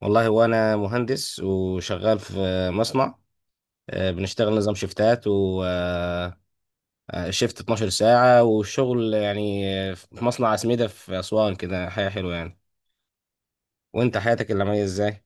والله، هو انا مهندس وشغال في مصنع. بنشتغل نظام شيفتات و شيفت 12 ساعة، والشغل يعني، في مصنع عسميدة في أسوان، كده حياة حلوة يعني. وانت حياتك العملية ازاي؟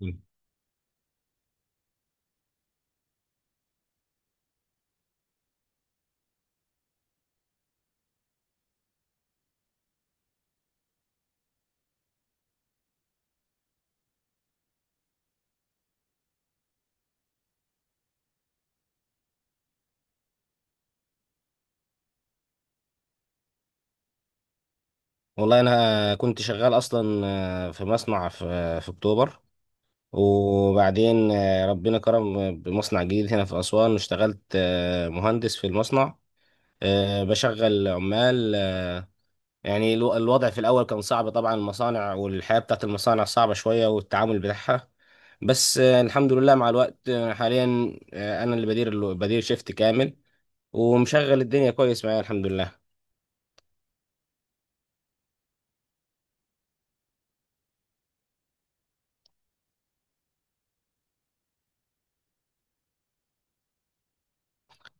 مم. والله انا كنت شغال اصلا في مصنع في اكتوبر. وبعدين ربنا كرم بمصنع جديد هنا في أسوان، اشتغلت مهندس في المصنع، بشغل عمال. يعني، الوضع في الأول كان صعب طبعا، المصانع والحياة بتاعت المصانع صعبة شوية والتعامل بتاعها. بس الحمد لله مع الوقت، حاليا أنا اللي بدير بدير شيفت كامل، ومشغل الدنيا كويس معايا، الحمد لله.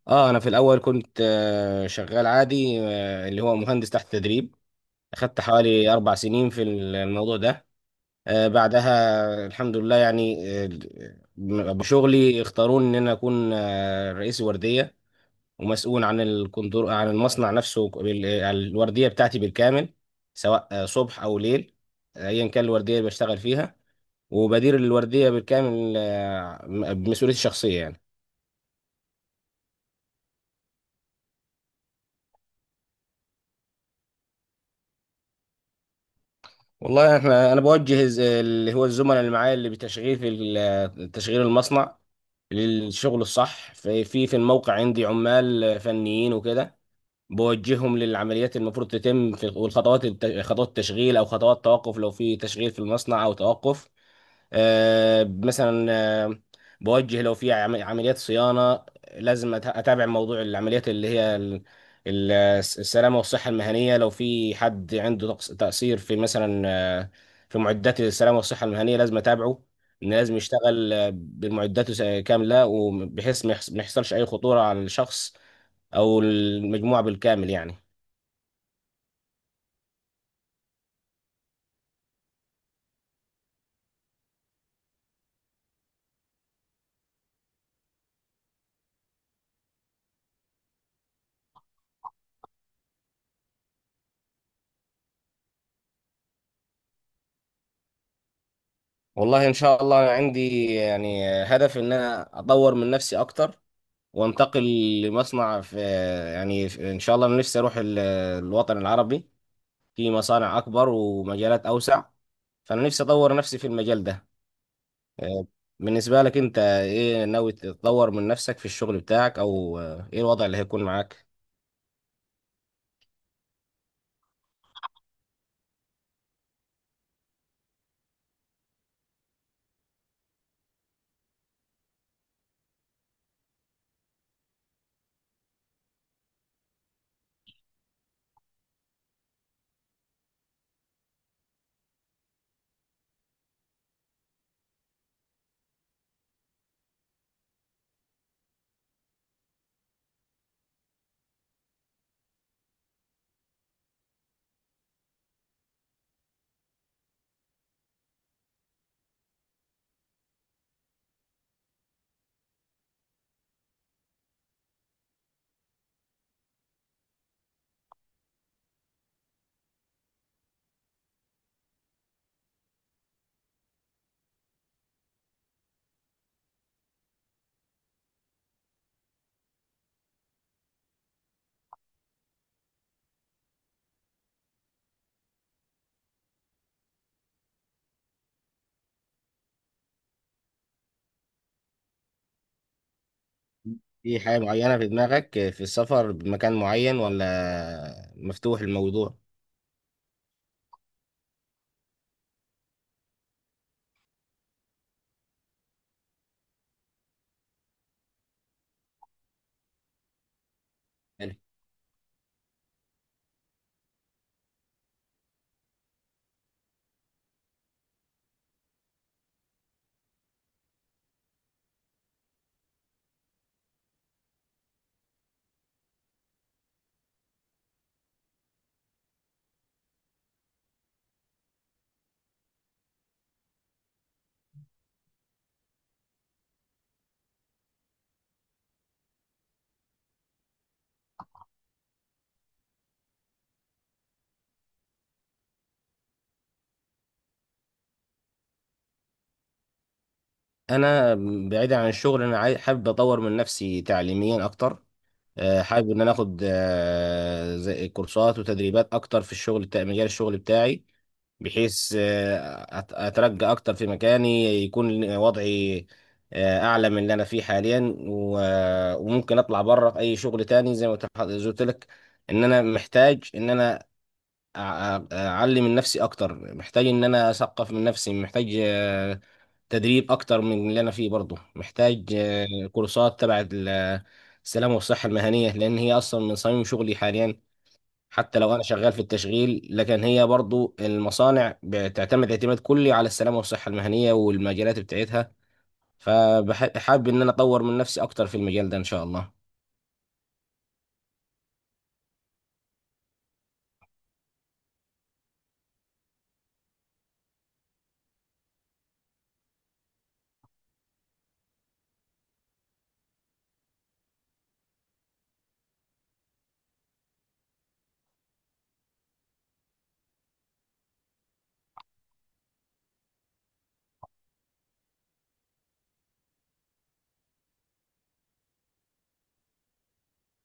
اه انا في الاول كنت شغال عادي، اللي هو مهندس تحت تدريب. اخدت حوالي 4 سنين في الموضوع ده. بعدها الحمد لله، يعني بشغلي اختاروني ان انا اكون رئيس وردية، ومسؤول عن الكندور، عن المصنع نفسه، الوردية بتاعتي بالكامل، سواء صبح أو ليل، أيا كان الوردية اللي بشتغل فيها. وبدير الوردية بالكامل، بمسؤوليتي الشخصية يعني. والله، انا بوجه اللي هو الزملاء اللي معايا، اللي بتشغيل تشغيل المصنع للشغل الصح في الموقع. عندي عمال فنيين وكده، بوجههم للعمليات المفروض تتم في، والخطوات خطوات التشغيل او خطوات توقف، لو في تشغيل في المصنع او توقف. آه، مثلا آه، بوجه لو في عمليات صيانة، لازم أتابع موضوع العمليات اللي هي ال- السلامة والصحة المهنية. لو في حد عنده تقصير في، مثلا في معدات السلامة والصحة المهنية، لازم أتابعه. إن لازم يشتغل بمعداته كاملة، وبحيث ما يحصلش أي خطورة على الشخص أو المجموعة بالكامل يعني. والله، إن شاء الله، أنا عندي يعني هدف إن أنا أطور من نفسي أكتر، وانتقل لمصنع في، يعني ان شاء الله انا نفسي اروح الوطن العربي، في مصانع اكبر ومجالات اوسع. فانا نفسي اطور نفسي في المجال ده. آه، بالنسبة لك انت، ايه ناوي تطور من نفسك في الشغل بتاعك، او ايه الوضع اللي هيكون معاك؟ في حاجة معينة في دماغك في السفر، بمكان معين، ولا مفتوح الموضوع؟ حلو. انا بعيدا عن الشغل، انا حابب اطور من نفسي تعليميا اكتر. حابب ان انا اخد زي كورسات وتدريبات اكتر في الشغل بتاع، مجال الشغل بتاعي، بحيث اترقى اكتر في مكاني، يكون وضعي اعلى من اللي انا فيه حاليا، وممكن اطلع بره في اي شغل تاني، زي ما قلت لك ان انا محتاج، ان انا اعلم من نفسي اكتر، محتاج ان انا اثقف من نفسي، محتاج تدريب اكتر من اللي انا فيه برضه، محتاج كورسات تبع السلامه والصحه المهنيه، لان هي اصلا من صميم شغلي حاليا. حتى لو انا شغال في التشغيل، لكن هي برضه المصانع بتعتمد اعتماد كلي على السلامه والصحه المهنيه والمجالات بتاعتها. فحابب ان انا اطور من نفسي اكتر في المجال ده، ان شاء الله.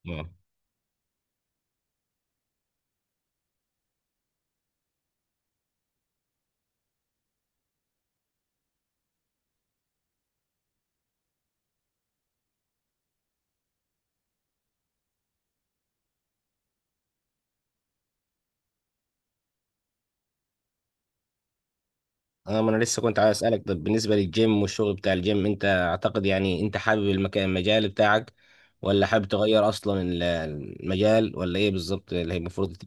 نعم. اه ما انا لسه كنت عايز اسالك، طب بالنسبه للجيم والشغل بتاع الجيم، انت اعتقد، يعني انت حابب المكان، المجال بتاعك، ولا حابب تغير اصلا المجال، ولا ايه بالظبط اللي هي المفروض؟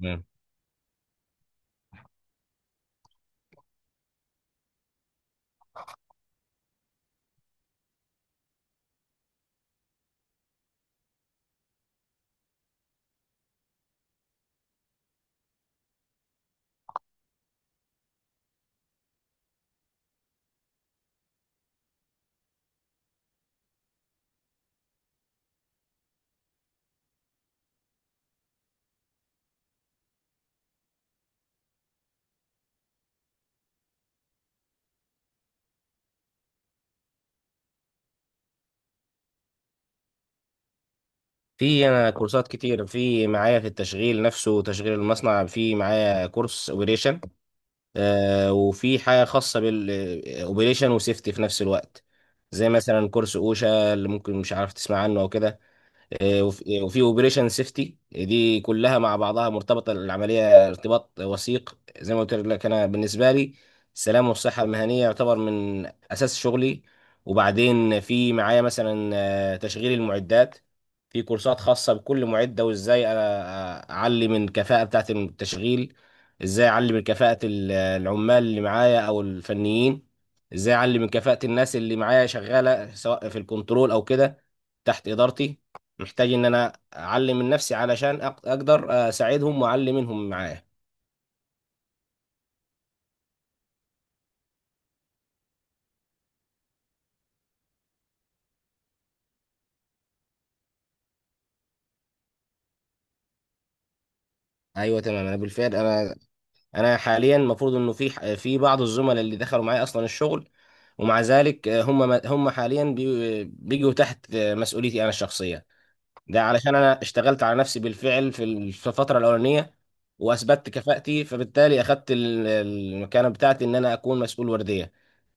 تمام. في انا كورسات كتير، في معايا في التشغيل نفسه، تشغيل المصنع، في معايا كورس اوبريشن، وفي حاجه خاصه بالاوبريشن وسيفتي في نفس الوقت، زي مثلا كورس اوشا، اللي ممكن مش عارف تسمع عنه او كده. وفي اوبريشن سيفتي، دي كلها مع بعضها مرتبطه العمليه ارتباط وثيق. زي ما قلت لك، انا بالنسبه لي، السلام والصحه المهنيه يعتبر من اساس شغلي. وبعدين في معايا مثلا تشغيل المعدات، في كورسات خاصه بكل معده، وازاي اعلي من الكفاءه بتاعه التشغيل، ازاي اعلي من كفاءه العمال اللي معايا او الفنيين، ازاي اعلي من كفاءه الناس اللي معايا شغاله، سواء في الكنترول او كده، تحت ادارتي. محتاج ان انا اعلم من نفسي، علشان اقدر اساعدهم، واعلم منهم معايا. ايوه، تمام. انا بالفعل، انا حاليا المفروض انه في في بعض الزملاء اللي دخلوا معايا اصلا الشغل، ومع ذلك هم هم حاليا بيجوا تحت مسؤوليتي انا الشخصيه. ده علشان انا اشتغلت على نفسي بالفعل في الفتره الاولانيه، واثبتت كفاءتي، فبالتالي اخدت المكانه بتاعتي ان انا اكون مسؤول ورديه.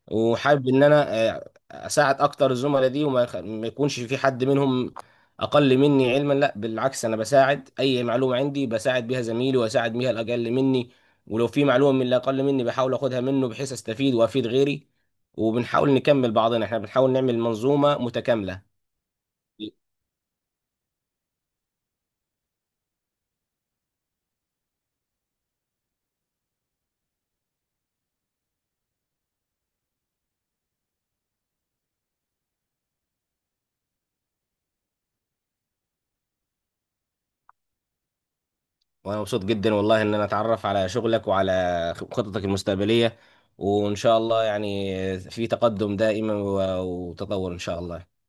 وحابب ان انا اساعد اكتر الزملاء دي، ما يكونش في حد منهم اقل مني علما. لا، بالعكس، انا بساعد، اي معلومه عندي بساعد بيها زميلي، واساعد بيها الاقل مني. ولو في معلومه من اللي اقل مني، بحاول اخدها منه، بحيث استفيد وافيد غيري. وبنحاول نكمل بعضنا، احنا بنحاول نعمل منظومه متكامله. وانا مبسوط جدا والله، ان انا اتعرف على شغلك وعلى خططك المستقبلية. وان شاء الله يعني في تقدم دائما، وتطور ان شاء الله.